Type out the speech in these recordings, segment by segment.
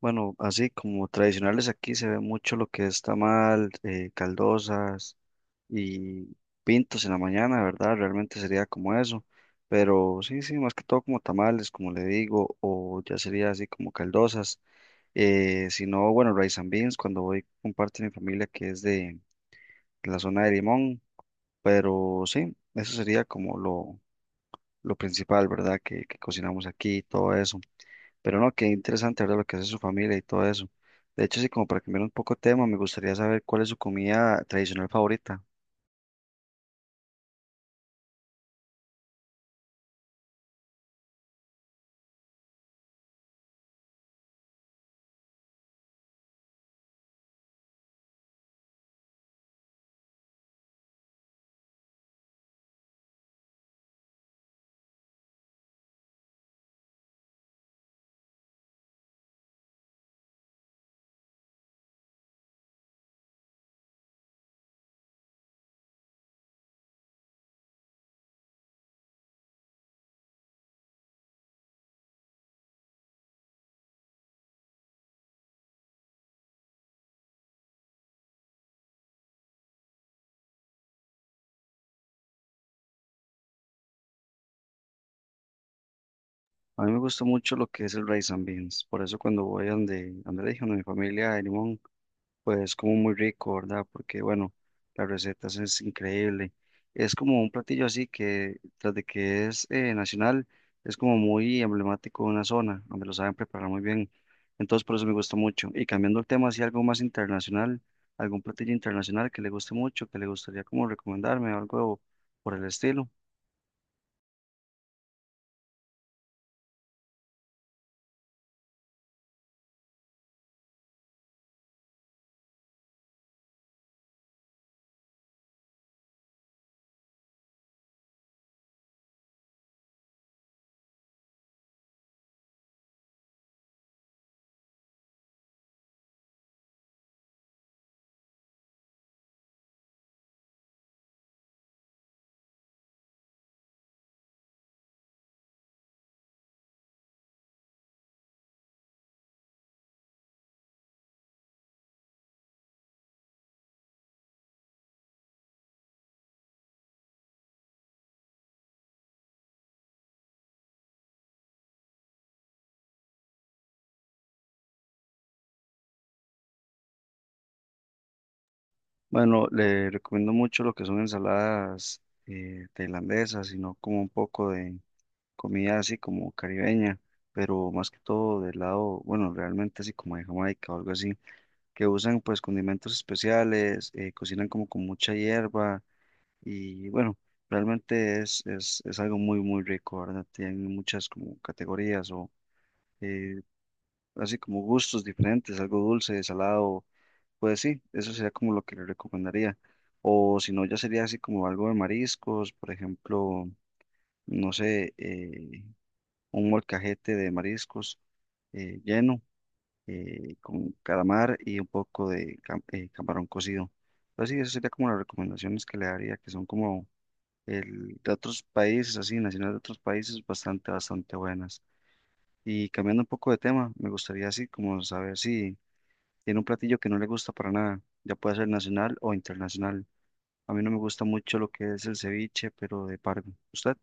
Bueno, así como tradicionales aquí se ve mucho lo que es tamal, caldosas y pintos en la mañana, ¿verdad? Realmente sería como eso. Pero sí, sí, más que todo como tamales, como le digo, o ya sería así como caldosas. Si no, bueno, rice and beans, cuando voy con parte de mi familia que es de la zona de Limón. Pero sí, eso sería como lo principal, ¿verdad? Que cocinamos aquí y todo eso. Pero no, qué interesante, ¿verdad? Lo que hace su familia y todo eso. De hecho, sí, como para cambiar un poco de tema, me gustaría saber cuál es su comida tradicional favorita. A mí me gusta mucho lo que es el rice and beans. Por eso cuando voy a donde le dije, donde mi familia de Limón, pues como muy rico, ¿verdad? Porque bueno, la receta es increíble. Es como un platillo así que, tras de que es nacional, es como muy emblemático de una zona donde lo saben preparar muy bien. Entonces por eso me gusta mucho. Y cambiando el tema, así algo más internacional, algún platillo internacional que le guste mucho, que le gustaría como recomendarme, algo por el estilo. Bueno, le recomiendo mucho lo que son ensaladas tailandesas, sino como un poco de comida así como caribeña, pero más que todo del lado, bueno, realmente así como de Jamaica o algo así, que usan pues condimentos especiales, cocinan como con mucha hierba y bueno, realmente es algo muy, muy rico, ¿verdad? Tienen muchas como categorías o eh, así como gustos diferentes, algo dulce, salado, pues sí, eso sería como lo que le recomendaría. O si no, ya sería así como algo de mariscos, por ejemplo, no sé, un molcajete de mariscos lleno con calamar y un poco de camarón cocido. Pero sí, eso sería como las recomendaciones que le daría, que son como el de otros países, así, nacionales de otros países, bastante, bastante buenas. Y cambiando un poco de tema, me gustaría así como saber si tiene un platillo que no le gusta para nada, ya puede ser nacional o internacional. A mí no me gusta mucho lo que es el ceviche, pero de pargo. ¿Usted?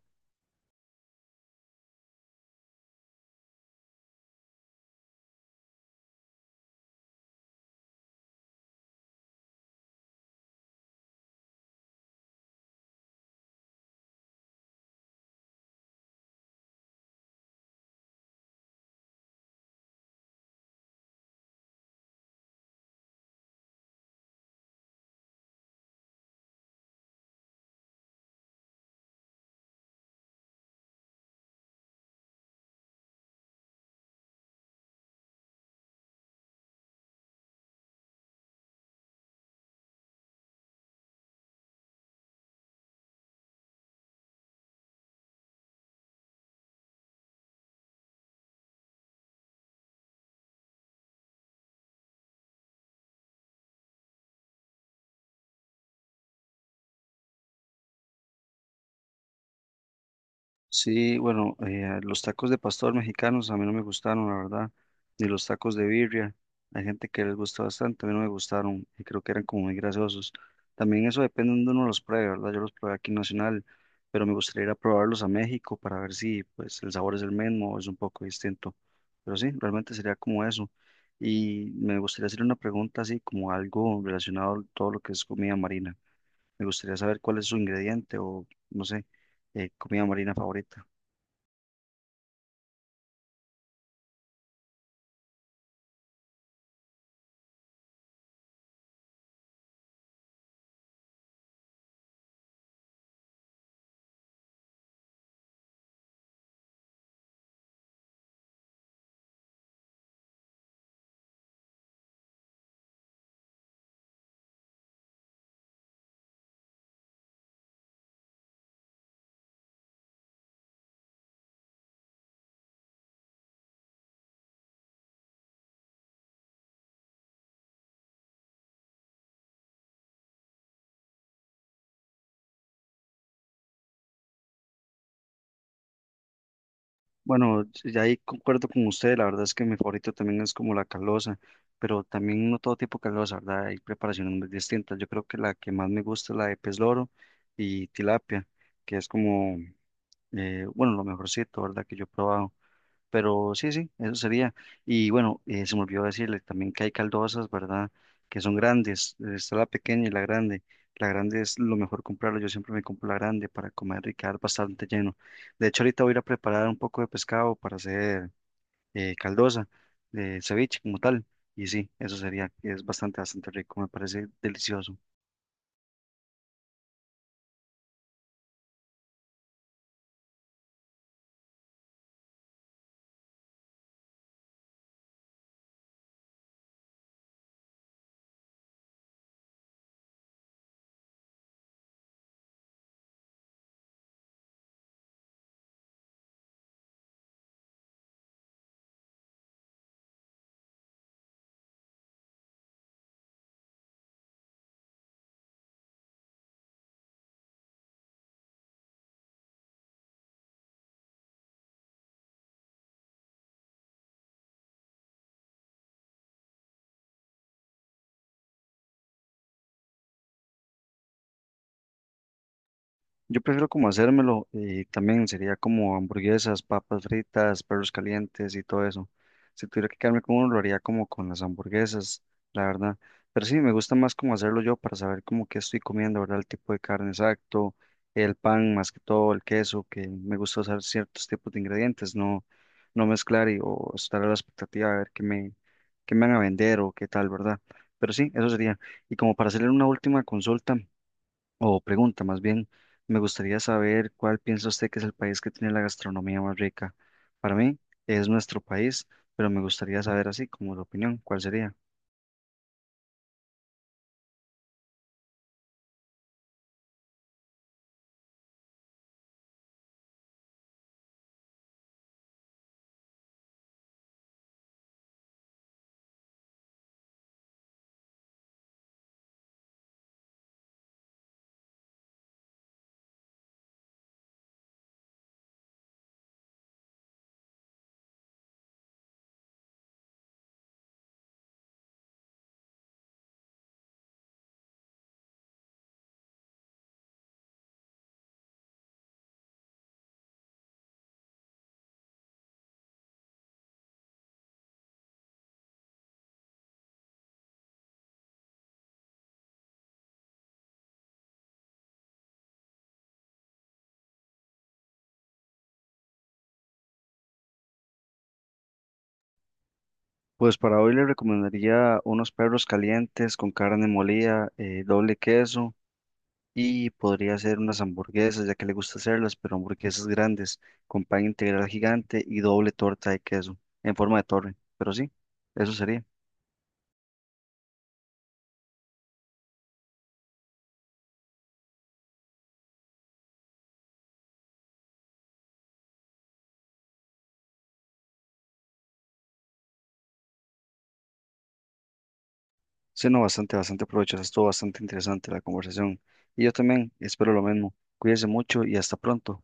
Sí, bueno, los tacos de pastor mexicanos a mí no me gustaron, la verdad, ni los tacos de birria. Hay gente que les gusta bastante, a mí no me gustaron y creo que eran como muy grasosos. También eso depende de donde uno los pruebe, ¿verdad? Yo los probé aquí en Nacional, pero me gustaría ir a probarlos a México para ver si pues el sabor es el mismo o es un poco distinto. Pero sí, realmente sería como eso. Y me gustaría hacer una pregunta así como algo relacionado a todo lo que es comida marina. Me gustaría saber cuál es su ingrediente o no sé, comida marina favorita. Bueno, sí, ya ahí concuerdo con usted, la verdad es que mi favorito también es como la calosa, pero también no todo tipo de calosa, ¿verdad? Hay preparaciones muy distintas. Yo creo que la que más me gusta es la de pez loro y tilapia, que es como, bueno, lo mejorcito, ¿verdad? Que yo he probado. Pero sí, sí, eso sería. Y bueno, se me olvidó decirle también que hay caldosas, ¿verdad? Que son grandes. Está la pequeña y la grande. La grande es lo mejor comprarla. Yo siempre me compro la grande para comer y quedar bastante lleno. De hecho, ahorita voy a ir a preparar un poco de pescado para hacer caldosa de ceviche como tal. Y sí, eso sería. Es bastante, bastante rico. Me parece delicioso. Yo prefiero como hacérmelo y también sería como hamburguesas, papas fritas, perros calientes y todo eso. Si tuviera que quedarme con uno, lo haría como con las hamburguesas, la verdad. Pero sí, me gusta más como hacerlo yo para saber como qué estoy comiendo, ¿verdad? El tipo de carne exacto, el pan más que todo, el queso, que me gusta usar ciertos tipos de ingredientes, no, no mezclar y, o estar a la expectativa de ver qué me van a vender o qué tal, ¿verdad? Pero sí, eso sería. Y como para hacerle una última consulta o pregunta más bien, me gustaría saber cuál piensa usted que es el país que tiene la gastronomía más rica. Para mí es nuestro país, pero me gustaría saber así como la opinión, ¿cuál sería? Pues para hoy le recomendaría unos perros calientes con carne molida, doble queso y podría hacer unas hamburguesas, ya que le gusta hacerlas, pero hamburguesas grandes con pan integral gigante y doble torta de queso en forma de torre. Pero sí, eso sería. Sí, no, bastante, bastante provechoso. Estuvo bastante interesante la conversación. Y yo también espero lo mismo. Cuídense mucho y hasta pronto.